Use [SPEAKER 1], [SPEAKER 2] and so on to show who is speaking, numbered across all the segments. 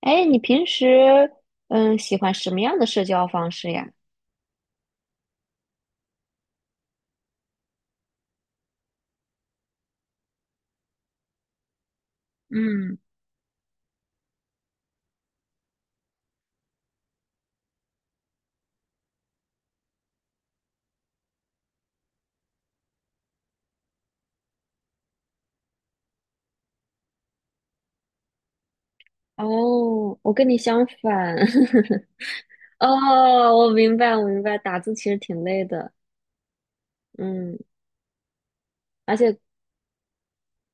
[SPEAKER 1] 哎，你平时喜欢什么样的社交方式呀？嗯，哦，我跟你相反。哦，我明白，我明白，打字其实挺累的。嗯，而且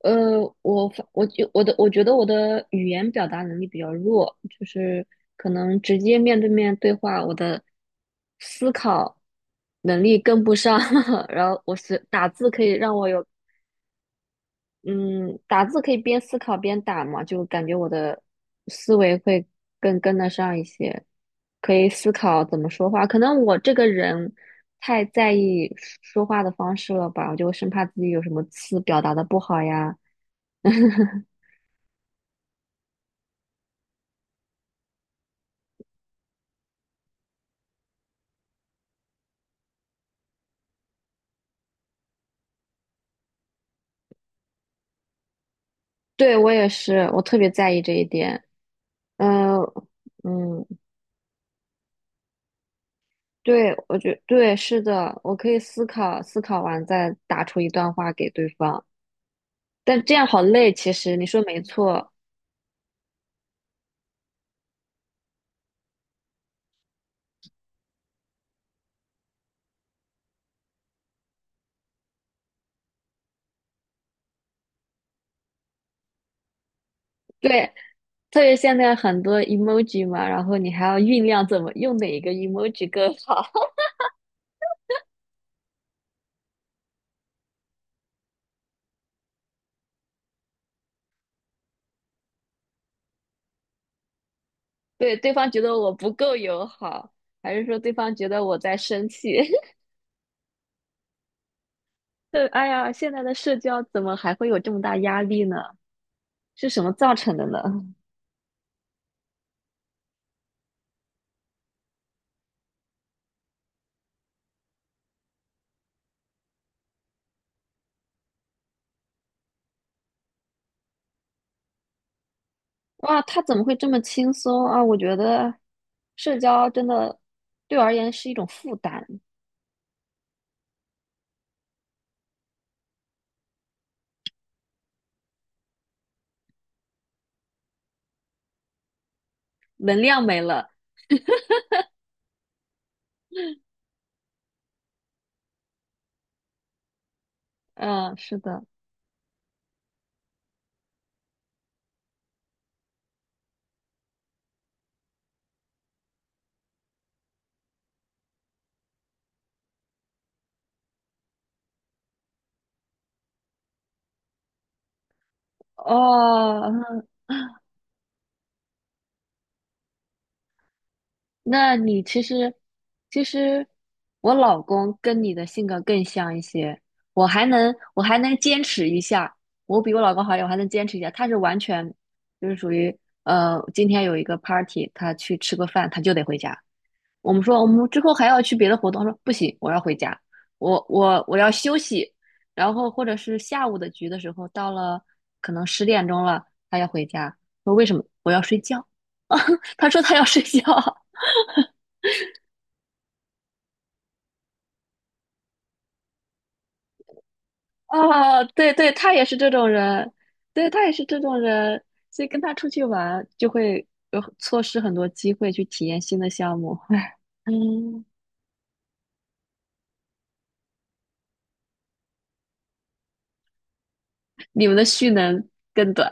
[SPEAKER 1] 我觉得我的语言表达能力比较弱，就是可能直接面对面对话，我的思考能力跟不上，然后我是打字可以让我有嗯，打字可以边思考边打嘛，就感觉我的思维会更跟得上一些，可以思考怎么说话。可能我这个人太在意说话的方式了吧，我就生怕自己有什么词表达的不好呀。对，我也是，我特别在意这一点。嗯、嗯，对，对，是的，我可以思考，思考完再打出一段话给对方。但这样好累，其实你说没错。对，特别现在很多 emoji 嘛，然后你还要酝酿怎么用哪一个 emoji 更好。对，对方觉得我不够友好，还是说对方觉得我在生气？对，哎呀，现在的社交怎么还会有这么大压力呢？是什么造成的呢？哇，他怎么会这么轻松啊？我觉得社交真的对我而言是一种负担，能量没了。嗯，是的。哦，那你其实，其实我老公跟你的性格更像一些，我还能坚持一下，我比我老公好一点，我还能坚持一下。他是完全就是属于今天有一个 party，他去吃个饭，他就得回家。我们说我们之后还要去别的活动，他说不行，我要回家，我要休息。然后或者是下午的局的时候，到了可能十点钟了，他要回家，说为什么？我要睡觉。他说他要睡觉。哦，对对，他也是这种人，对他也是这种人，所以跟他出去玩就会有错失很多机会去体验新的项目。嗯，你们的蓄能更短，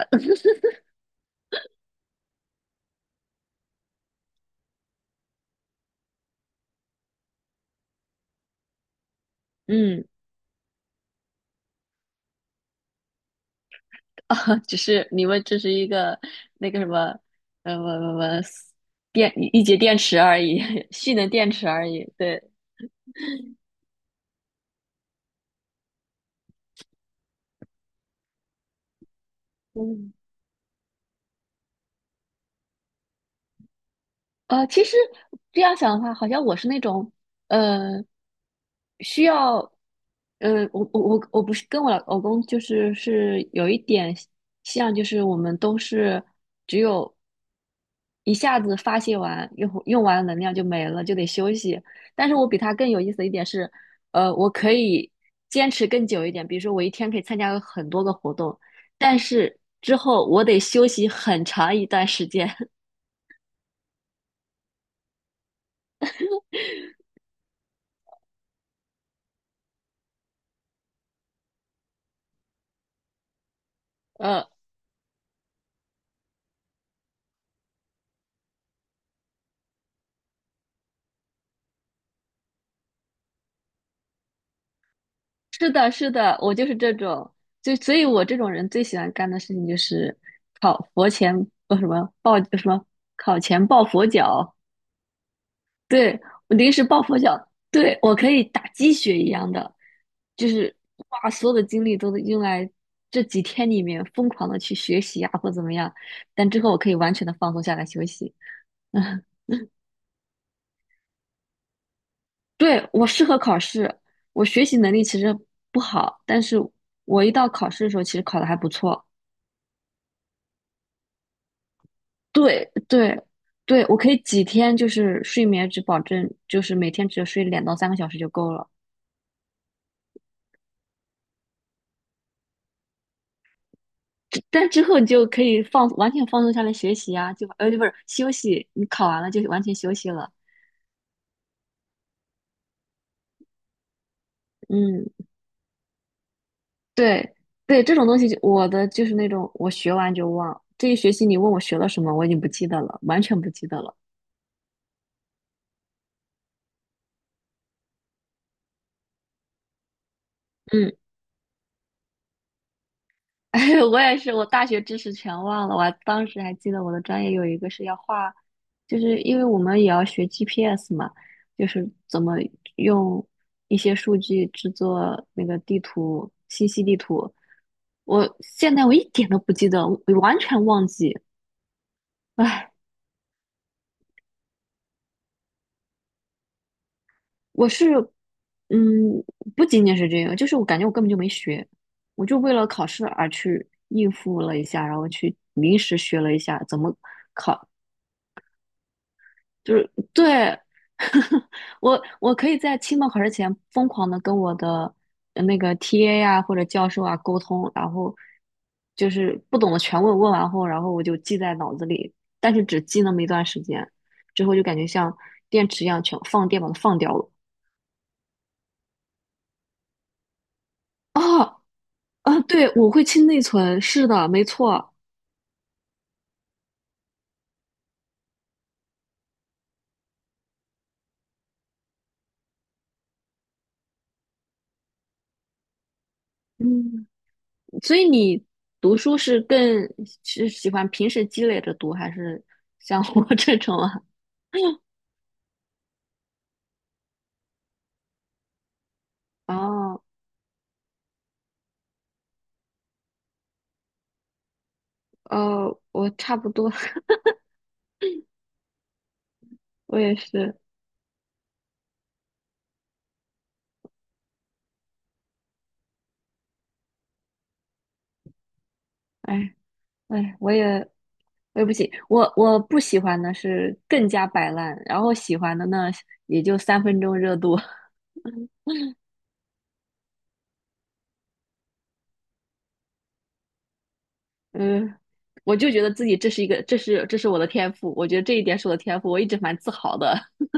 [SPEAKER 1] 嗯，只是你们只是一个那个什么，呃，什么什么电一节电池而已，蓄能电池而已，对。其实这样想的话，好像我是那种，呃，需要，我我不是跟我老公就是是有一点像，就是我们都是只有一下子发泄完，用完能量就没了，就得休息。但是我比他更有意思的一点是，我可以坚持更久一点，比如说我一天可以参加很多个活动，但是之后我得休息很长一段时间。呃。是的，是的，我就是这种，就所以，我这种人最喜欢干的事情就是考佛前，呃，什么抱什么考前抱佛脚，对，我临时抱佛脚，对，我可以打鸡血一样的，就是把所有的精力都用来这几天里面疯狂的去学习啊，或怎么样，但之后我可以完全的放松下来休息。嗯，对，我适合考试，我学习能力其实不好，但是我一到考试的时候，其实考的还不错。对对对，我可以几天就是睡眠只保证就是每天只睡两到三个小时就够了，之后你就可以放完全放松下来学习啊，就不是休息，你考完了就完全休息了。嗯，对对，这种东西就我的就是那种我学完就忘，这一学期你问我学了什么，我已经不记得了，完全不记得了。嗯，哎，我也是，我大学知识全忘了，当时还记得我的专业有一个是要画。就是因为我们也要学 GPS 嘛，就是怎么用一些数据制作那个地图，信息地图。我现在我一点都不记得，我完全忘记。唉，我是，嗯，不仅仅是这个，就是我感觉我根本就没学，我就为了考试而去应付了一下，然后去临时学了一下怎么。就是对，我可以在期末考试前疯狂的跟我的那个 TA 啊或者教授啊沟通，然后就是不懂的全问，问完后，然后我就记在脑子里，但是只记那么一段时间，之后就感觉像电池一样全放电把它放掉了。哦，啊，对，我会清内存，是的，没错。嗯，所以你读书是更是喜欢平时积累着读，还是像我这种啊？哦。哦，我差不多，我也是，哎哎，我也不行，我我不喜欢的是更加摆烂，然后喜欢的呢也就三分钟热度，嗯，我就觉得自己这是一个，这是我的天赋，我觉得这一点是我的天赋，我一直蛮自豪的。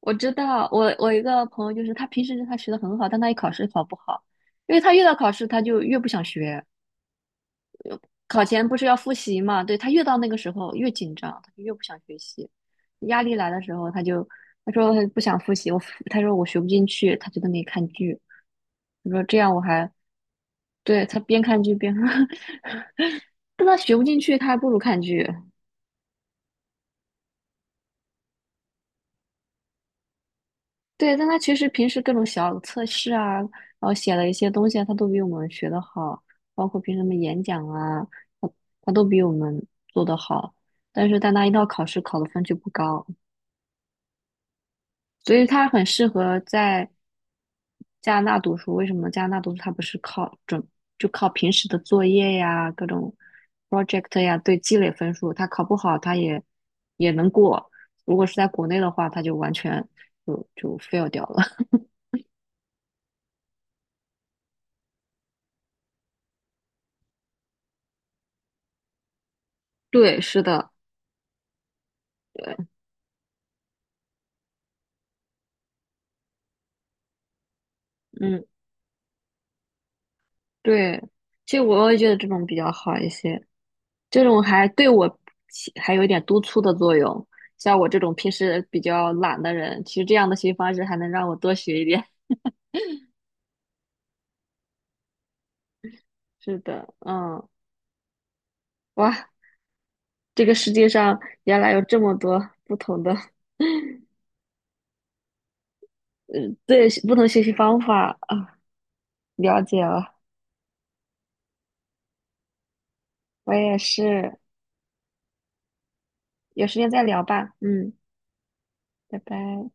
[SPEAKER 1] 我知道，我一个朋友就是他平时他学的很好，但他一考试考不好，因为他越到考试他就越不想学，考前不是要复习嘛？对，他越到那个时候越紧张，他就越不想学习。压力来的时候，他就他不想复习，他说我学不进去，他就在那里看剧。他说这样我还对他边看剧边，但他学不进去，他还不如看剧。对，但他其实平时各种小测试啊，然后写了一些东西啊，他都比我们学的好，包括平时什么演讲啊，他他都比我们做的好。但是但他一到考试，考的分就不高。所以他很适合在加拿大读书。为什么加拿大读书？他不是靠准，就靠平时的作业呀、各种 project 呀，对积累分数。他考不好，也能过。如果是在国内的话，他就完全就 fail 掉了。对，是的，对，嗯，对。其实我也觉得这种比较好一些，这种还对还有一点督促的作用。像我这种平时比较懒的人，其实这样的学习方式还能让我多学一点。是的，嗯，哇，这个世界上原来有这么多不同的，嗯，对，不同学习方法啊了解了，我也是，有时间再聊吧，嗯，拜拜。